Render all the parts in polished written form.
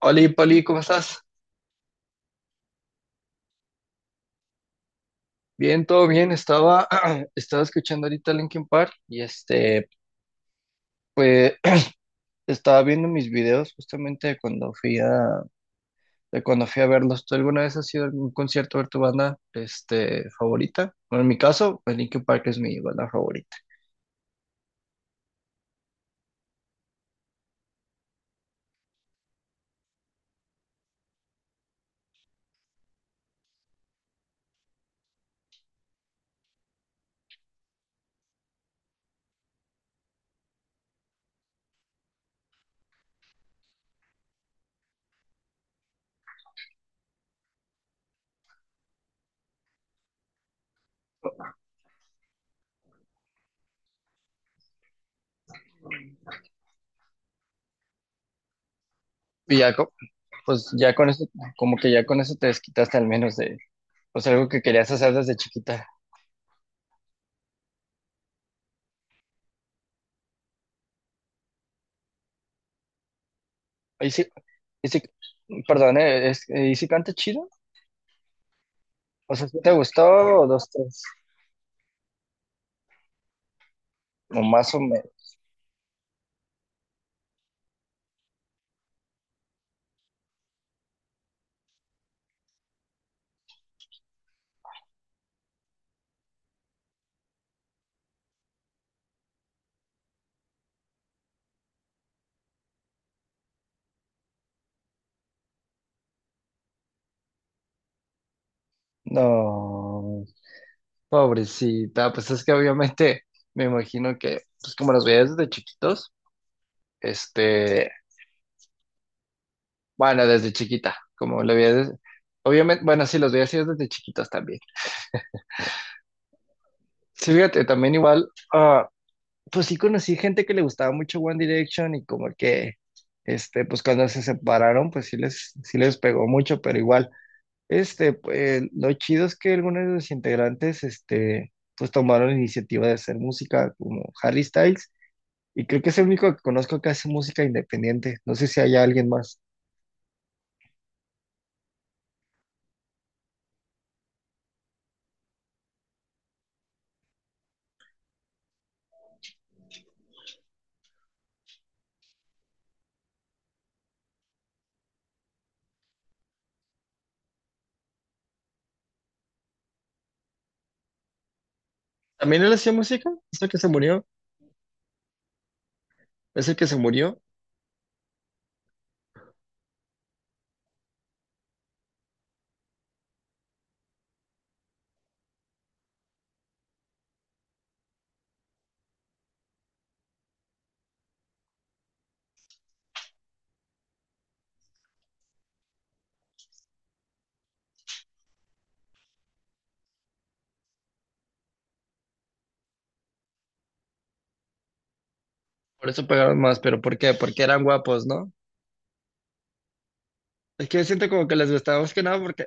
Hola, Pali, ¿cómo estás? Bien, todo bien. Estaba escuchando ahorita Linkin Park y pues estaba viendo mis videos justamente de cuando de cuando fui a verlos. ¿Tú alguna vez has ido a algún concierto a ver tu banda, este, favorita? Bueno, en mi caso, pues Linkin Park es mi banda favorita. Y ya, co- pues ya con eso, como que ya con eso te desquitaste al menos de, pues algo que querías hacer desde chiquita. Ahí sí, y sí, perdón, ¿y si canta chido? O sea, ¿sí te gustó, o dos, tres? O más o menos. No, pobrecita, pues es que obviamente me imagino que, pues como los veías desde chiquitos, este, bueno, desde chiquita, como lo Obviamente, bueno, sí, los veías así desde chiquitos también. Sí, fíjate, también igual, ah, pues sí conocí gente que le gustaba mucho One Direction y como que, este, pues cuando se separaron, sí les pegó mucho, pero igual, este, pues lo chido es que algunos de los integrantes, este, pues tomaron la iniciativa de hacer música como Harry Styles. Y creo que es el único que conozco que hace música independiente. No sé si hay alguien más. ¿También él hacía música? ¿Es el que se murió? ¿Es el que se murió? Por eso pegaron más, pero ¿por qué? Porque eran guapos, ¿no? Es que siento como que les gustaba más que nada porque,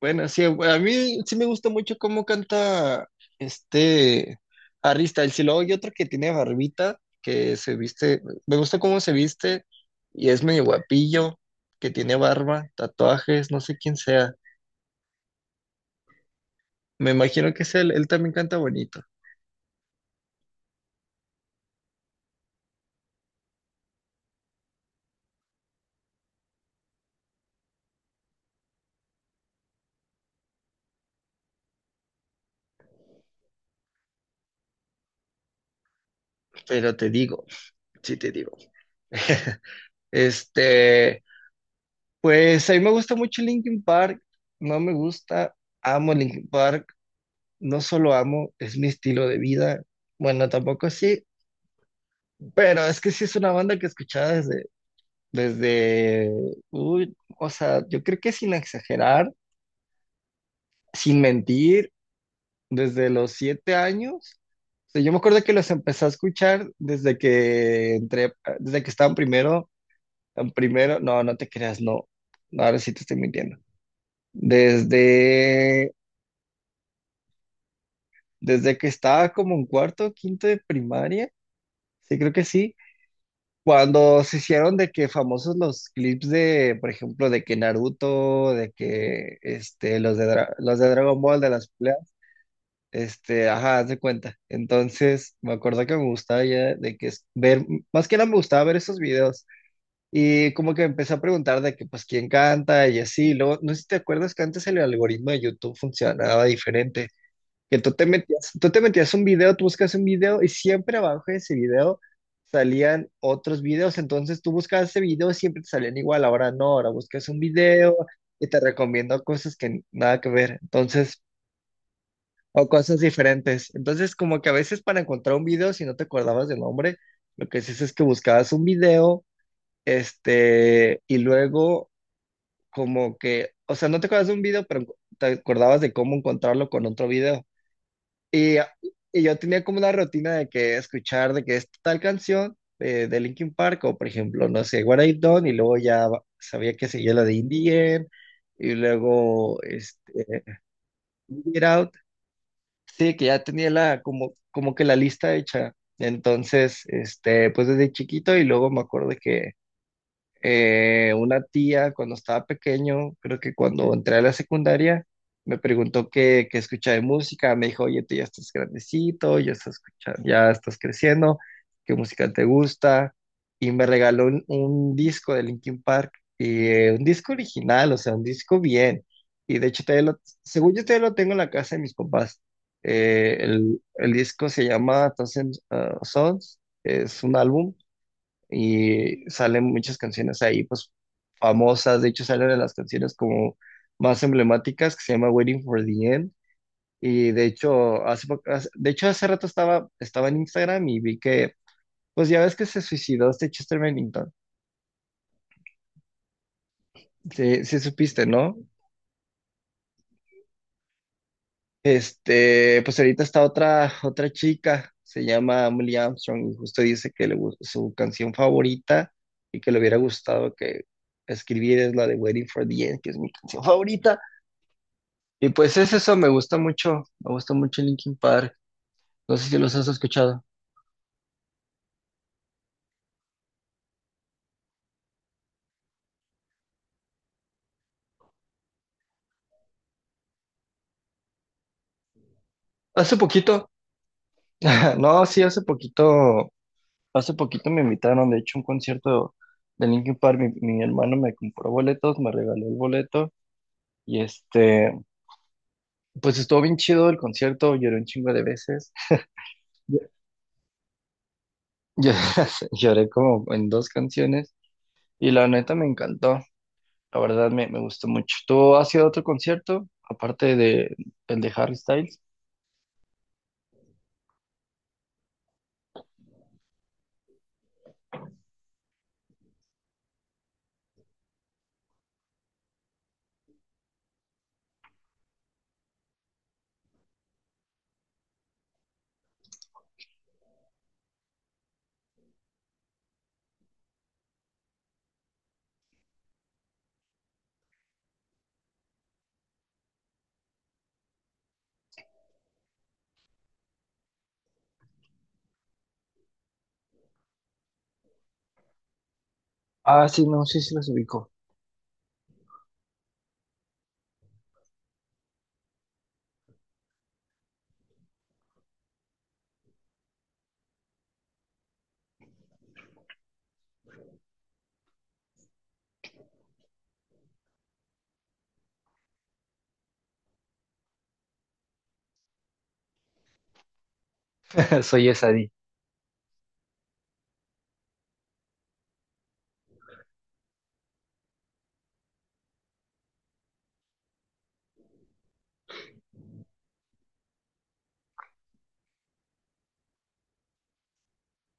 bueno, sí, a mí sí me gusta mucho cómo canta este Harry Styles. Y si luego hay otro que tiene barbita, que se viste, me gusta cómo se viste y es medio guapillo, que tiene barba, tatuajes, no sé quién sea. Me imagino que es él, él también canta bonito, pero te digo. Sí te digo. Este, pues a mí me gusta mucho Linkin Park, no me gusta, amo Linkin Park, no solo amo, es mi estilo de vida. Bueno, tampoco sí, pero es que sí es una banda que escuchaba desde, uy, o sea, yo creo que sin exagerar, sin mentir, desde los 7 años. O sea, yo me acuerdo que los empecé a escuchar desde que estaba en primero. Primero, no, no te creas, no. No, ahora sí te estoy mintiendo. Desde, Desde que estaba como en cuarto, quinto de primaria, sí creo que sí, cuando se hicieron de que famosos los clips de, por ejemplo, de que Naruto, de que este, los de Dragon Ball, de las peleas, este, ajá, haz de cuenta. Entonces, me acuerdo que me gustaba ver, más que nada me gustaba ver esos videos. Y como que empecé a preguntar de que, pues, quién canta y así. Luego, no sé si te acuerdas que antes el algoritmo de YouTube funcionaba diferente. Que tú te metías, Tú te metías un video, tú buscas un video y siempre abajo de ese video salían otros videos. Entonces tú buscabas ese video y siempre te salían igual. Ahora no, ahora buscas un video y te recomiendo cosas que nada que ver. Entonces, o cosas diferentes. Entonces, como que a veces para encontrar un video, si no te acordabas del nombre, lo que haces es que buscabas un video, este, y luego como que, o sea, no te acuerdas de un video, pero te acordabas de cómo encontrarlo con otro video. Y, y yo tenía como una rutina de que escuchar de que es tal canción, de Linkin Park, o por ejemplo, no sé, What I've Done, y luego sabía que seguía la de In the End, y luego este, Get Out. Sí, que ya tenía la, como, como que la lista hecha. Entonces, este, pues desde chiquito y luego me acuerdo que, eh, una tía cuando estaba pequeño, creo que cuando entré a la secundaria, me preguntó qué escuchaba de música, me dijo, oye, tú ya estás grandecito, ya estás escuchando, ya estás creciendo, ¿qué música te gusta? Y me regaló un disco de Linkin Park, y, un disco original, o sea, un disco bien. Y de hecho, todavía lo, según yo todavía lo tengo en la casa de mis papás. El disco se llama Thousand Sons, es un álbum y salen muchas canciones ahí, pues famosas, de hecho salen de las canciones como más emblemáticas que se llama Waiting for the End. Y de hecho hace rato estaba en Instagram y vi que pues ya ves que se suicidó este Chester Bennington, sí, sí supiste, ¿no? Este, pues ahorita está otra, otra chica, se llama Emily Armstrong y justo dice que su canción favorita y que le hubiera gustado que escribir es la de Waiting for the End, que es mi canción favorita. Y pues es eso, me gusta mucho Linkin Park. No sé si los has escuchado. Hace poquito, no, sí, hace poquito me invitaron, de hecho, a un concierto de Linkin Park. Mi hermano me compró boletos, me regaló el boleto y este, pues estuvo bien chido el concierto, lloré un chingo de veces. Yo- yo lloré como en dos canciones y la neta me encantó, la verdad me, me gustó mucho. ¿Tú has ido a otro concierto, aparte de el de Harry Styles? Ah, sí, no, sí, sí los ubico. Soy Esadi.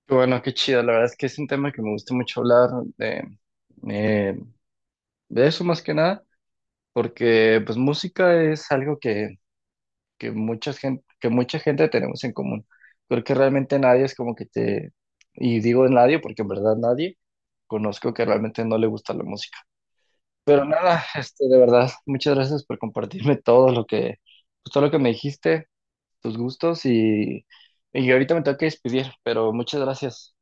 Bueno, qué chido. La verdad es que es un tema que me gusta mucho hablar de, eh, de eso más que nada, porque pues música es algo que mucha gente tenemos en común. Creo que realmente nadie es como que te, y digo nadie porque en verdad nadie conozco que realmente no le gusta la música. Nada, este, de verdad, muchas gracias por compartirme todo lo que, pues, todo lo que me dijiste, tus gustos y ahorita me tengo que despedir, pero muchas gracias.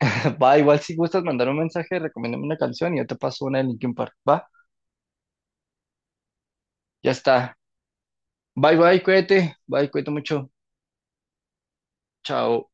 Va, igual si gustas mandar un mensaje, recomiéndame una canción y yo te paso una de Linkin Park. Va, ya está. Bye, bye, cuídate. Bye, cuídate mucho. Chao.